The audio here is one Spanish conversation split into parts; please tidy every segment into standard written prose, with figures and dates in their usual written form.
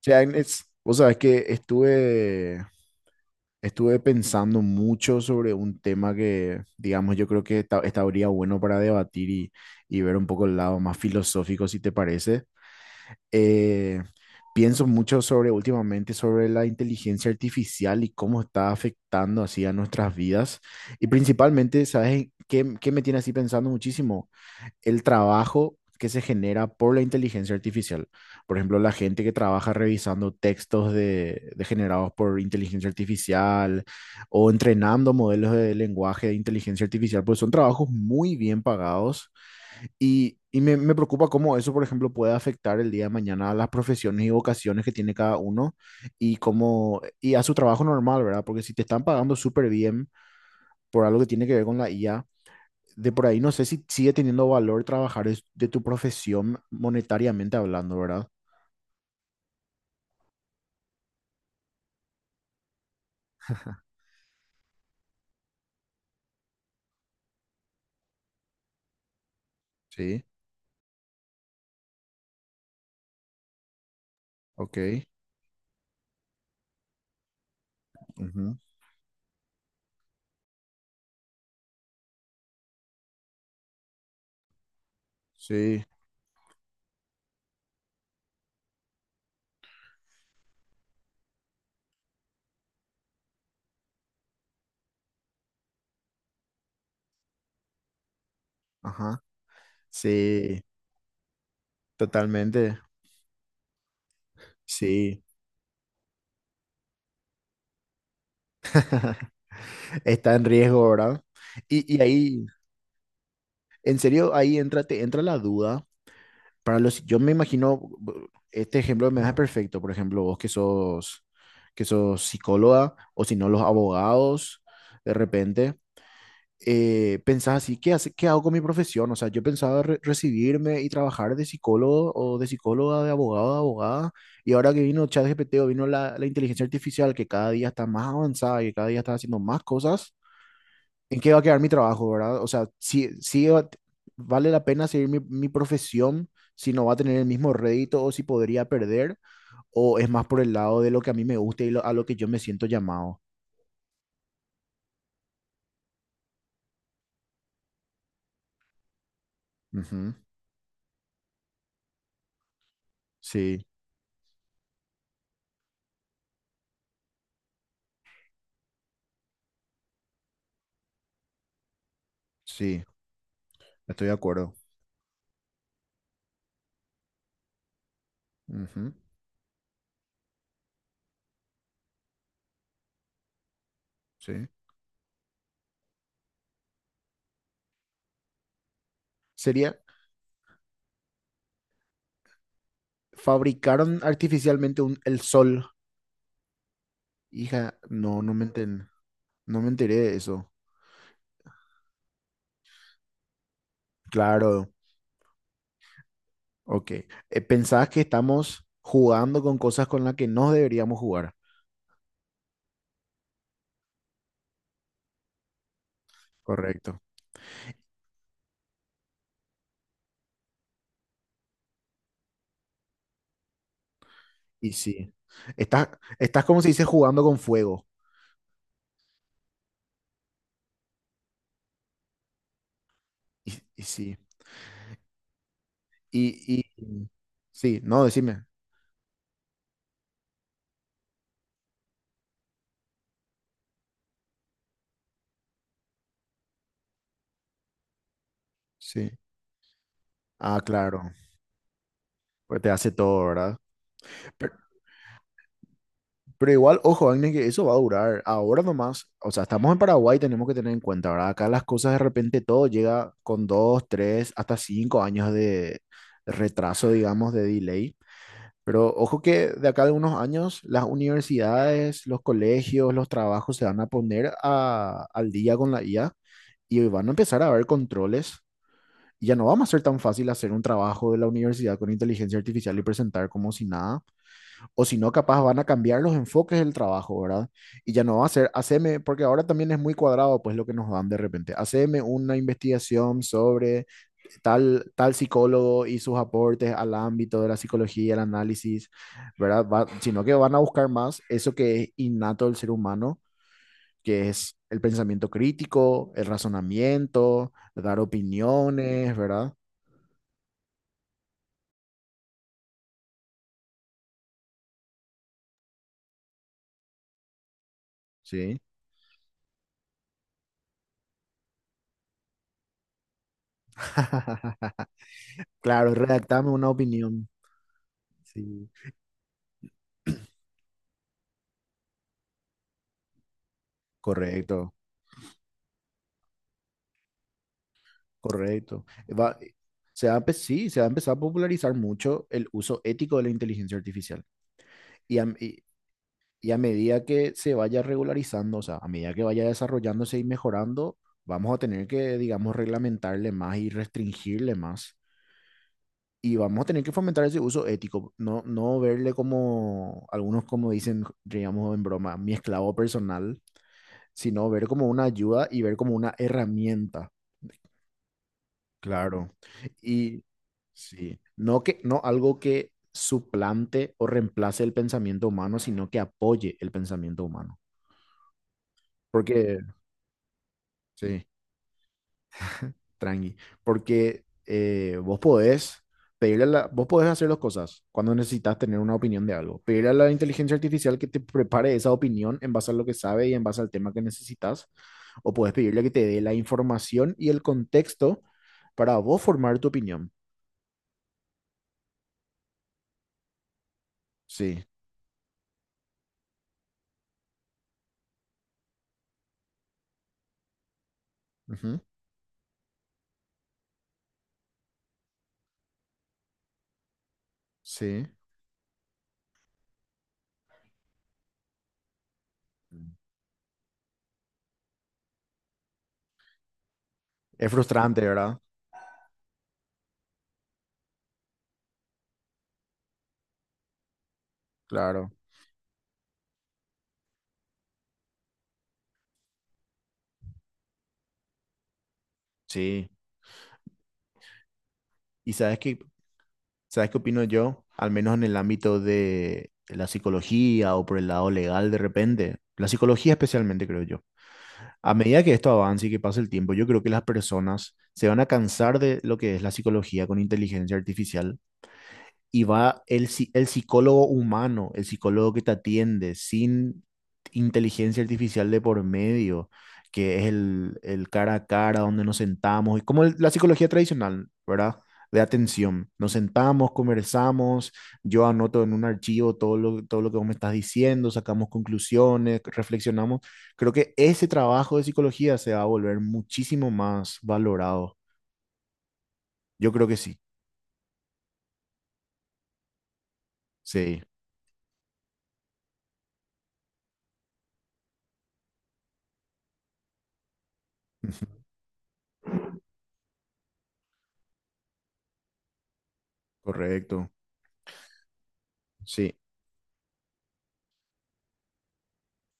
Che, Agnes, vos sabés que estuve pensando mucho sobre un tema que, digamos, yo creo que estaría bueno para debatir y ver un poco el lado más filosófico, si te parece. Eh, Pienso mucho sobre últimamente sobre la inteligencia artificial y cómo está afectando así a nuestras vidas. Y principalmente, ¿sabes qué me tiene así pensando muchísimo? El trabajo que se genera por la inteligencia artificial. Por ejemplo, la gente que trabaja revisando textos de generados por inteligencia artificial o entrenando modelos de lenguaje de inteligencia artificial, pues son trabajos muy bien pagados y me preocupa cómo eso, por ejemplo, puede afectar el día de mañana a las profesiones y vocaciones que tiene cada uno y cómo, y a su trabajo normal, ¿verdad? Porque si te están pagando súper bien por algo que tiene que ver con la IA, de por ahí no sé si sigue teniendo valor trabajar de tu profesión monetariamente hablando, ¿verdad? Sí, ok. Ujú. Sí, ajá. Sí, totalmente. Sí, está en riesgo, ¿verdad? Y ahí, en serio, ahí entra, te entra la duda. Para los, yo me imagino, este ejemplo me da perfecto, por ejemplo, vos que sos psicóloga, o si no, los abogados, de repente. Pensás así, ¿qué hace, qué hago con mi profesión? O sea, yo pensaba recibirme y trabajar de psicólogo o de psicóloga, de abogado, de abogada, y ahora que vino ChatGPT o vino la inteligencia artificial que cada día está más avanzada y que cada día está haciendo más cosas, ¿en qué va a quedar mi trabajo, verdad? O sea, si vale la pena seguir mi profesión, si no va a tener el mismo rédito o si podría perder, o es más por el lado de lo que a mí me gusta y a lo que yo me siento llamado. Ujú. Sí, sí, estoy de acuerdo. Ujú. Sí. Sería, fabricaron artificialmente un, el sol. Hija, no, no me enteré de eso. Claro, ok. Pensabas que estamos jugando con cosas con las que no deberíamos jugar. Correcto. Y sí. Estás, estás como se dice jugando con fuego. Y sí. Y sí, no, decime. Sí. Ah, claro. Pues te hace todo, ¿verdad? Pero, Pero igual, ojo, Agnes, que eso va a durar. Ahora nomás, o sea, estamos en Paraguay, tenemos que tener en cuenta, ¿verdad? Acá las cosas de repente todo llega con 2, 3, hasta 5 años de retraso, digamos, de delay. Pero ojo que de acá de unos años las universidades, los colegios, los trabajos se van a poner al día con la IA y van a empezar a haber controles. Y ya no vamos a ser tan fácil hacer un trabajo de la universidad con inteligencia artificial y presentar como si nada o si no, capaz van a cambiar los enfoques del trabajo, ¿verdad? Y ya no va a ser, haceme, porque ahora también es muy cuadrado, pues lo que nos dan de repente. Haceme una investigación sobre tal, tal psicólogo y sus aportes al ámbito de la psicología, el análisis, ¿verdad? Sino que van a buscar más eso que es innato del ser humano, que es el pensamiento crítico, el razonamiento, dar opiniones, ¿verdad? Sí. Claro, redactame una opinión. Sí, correcto. Correcto. Va- se va a empe- Sí, se va a empezar a popularizar mucho el uso ético de la inteligencia artificial. Y a, y- y a medida que se vaya regularizando, o sea, a medida que vaya desarrollándose y mejorando, vamos a tener que, digamos, reglamentarle más y restringirle más. Y vamos a tener que fomentar ese uso ético, no, no verle como algunos como dicen, digamos en broma, mi esclavo personal, sino ver como una ayuda y ver como una herramienta. Claro. Y sí, no que no algo que suplante o reemplace el pensamiento humano, sino que apoye el pensamiento humano. Porque, sí, tranqui. Porque vos podés pedirle a la, vos podés hacer dos cosas cuando necesitas tener una opinión de algo. Pedirle a la inteligencia artificial que te prepare esa opinión en base a lo que sabe y en base al tema que necesitas. O puedes pedirle que te dé la información y el contexto para vos formar tu opinión. Sí. Ujú. Sí. Es frustrante, ¿verdad? Claro, sí. ¿Y sabes sabes qué opino yo? Al menos en el ámbito de la psicología o por el lado legal de repente. La psicología especialmente, creo yo. A medida que esto avance y que pase el tiempo, yo creo que las personas se van a cansar de lo que es la psicología con inteligencia artificial y va el psicólogo humano, el psicólogo que te atiende, sin inteligencia artificial de por medio, que es el cara a cara donde nos sentamos, y como la psicología tradicional, ¿verdad? De atención. Nos sentamos, conversamos, yo anoto en un archivo todo lo que vos me estás diciendo, sacamos conclusiones, reflexionamos. Creo que ese trabajo de psicología se va a volver muchísimo más valorado. Yo creo que sí, sí, correcto, sí.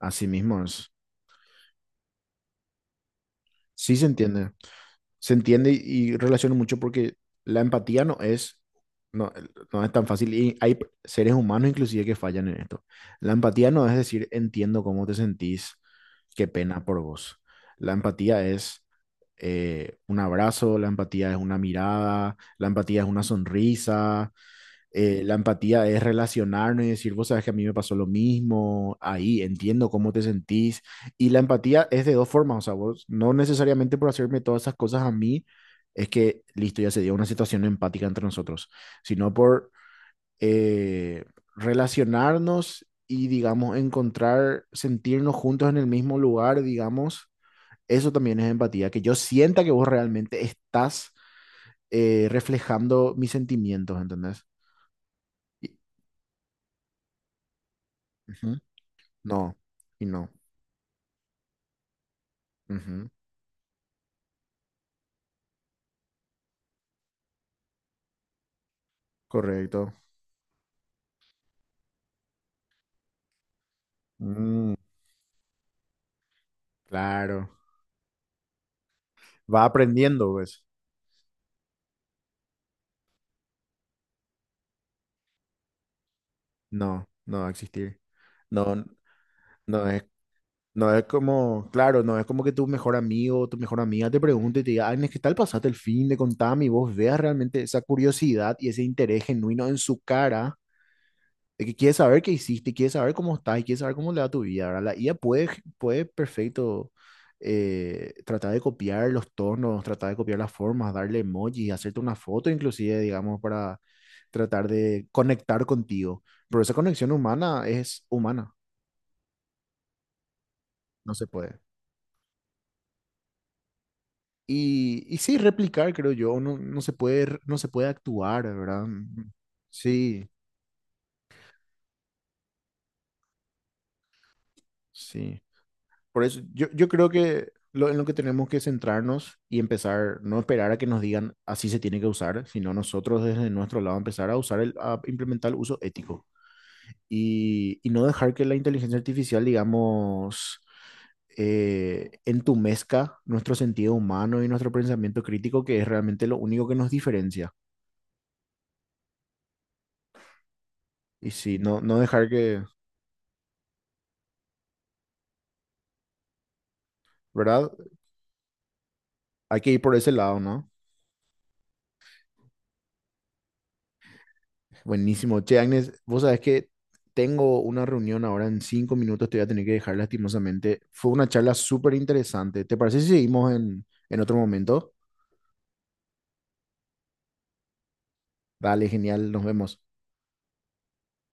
Así mismo es. Sí se entiende. Se entiende y relaciona mucho porque la empatía no es, no, no es tan fácil. Y hay seres humanos inclusive que fallan en esto. La empatía no es decir, entiendo cómo te sentís, qué pena por vos. La empatía es un abrazo, la empatía es una mirada, la empatía es una sonrisa, la empatía es relacionarnos y decir, vos sabes que a mí me pasó lo mismo, ahí entiendo cómo te sentís. Y la empatía es de dos formas, o sea, vos no necesariamente por hacerme todas esas cosas a mí, es que listo, ya se dio una situación empática entre nosotros, sino por eh, relacionarnos y, digamos, encontrar, sentirnos juntos en el mismo lugar, digamos. Eso también es empatía, que yo sienta que vos realmente estás reflejando mis sentimientos, ¿entendés? Y- Ujú. No, y no. Ujú. Correcto. Mm, claro. Va aprendiendo, pues. No, no va a existir. No, no es, no es como, claro, no es como que tu mejor amigo o tu mejor amiga te pregunte y te diga, ay, ¿qué tal pasaste el fin de contame? Y vos veas realmente esa curiosidad y ese interés genuino en su cara de que quiere saber qué hiciste, quiere saber cómo estás y quiere saber cómo le va tu vida, ¿verdad? La IA puede, puede perfecto tratar de copiar los tonos, tratar de copiar las formas, darle emojis, hacerte una foto inclusive, digamos, para tratar de conectar contigo. Pero esa conexión humana es humana, no se puede. Y sí, replicar, creo yo, no, no se puede, no se puede actuar, ¿verdad? Mm. Sí, sí. Por eso yo, yo creo que lo, en lo que tenemos que centrarnos y empezar, no esperar a que nos digan así se tiene que usar, sino nosotros desde nuestro lado empezar a usar, el, a implementar el uso ético y no dejar que la inteligencia artificial, digamos, entumezca nuestro sentido humano y nuestro pensamiento crítico, que es realmente lo único que nos diferencia. Y si no, no dejar que, ¿verdad? Hay que ir por ese lado, ¿no? Buenísimo. Che, Agnes, vos sabés que tengo una reunión ahora en 5 minutos, te voy a tener que dejar lastimosamente. Fue una charla súper interesante. ¿Te parece si seguimos en otro momento? Dale, genial, nos vemos.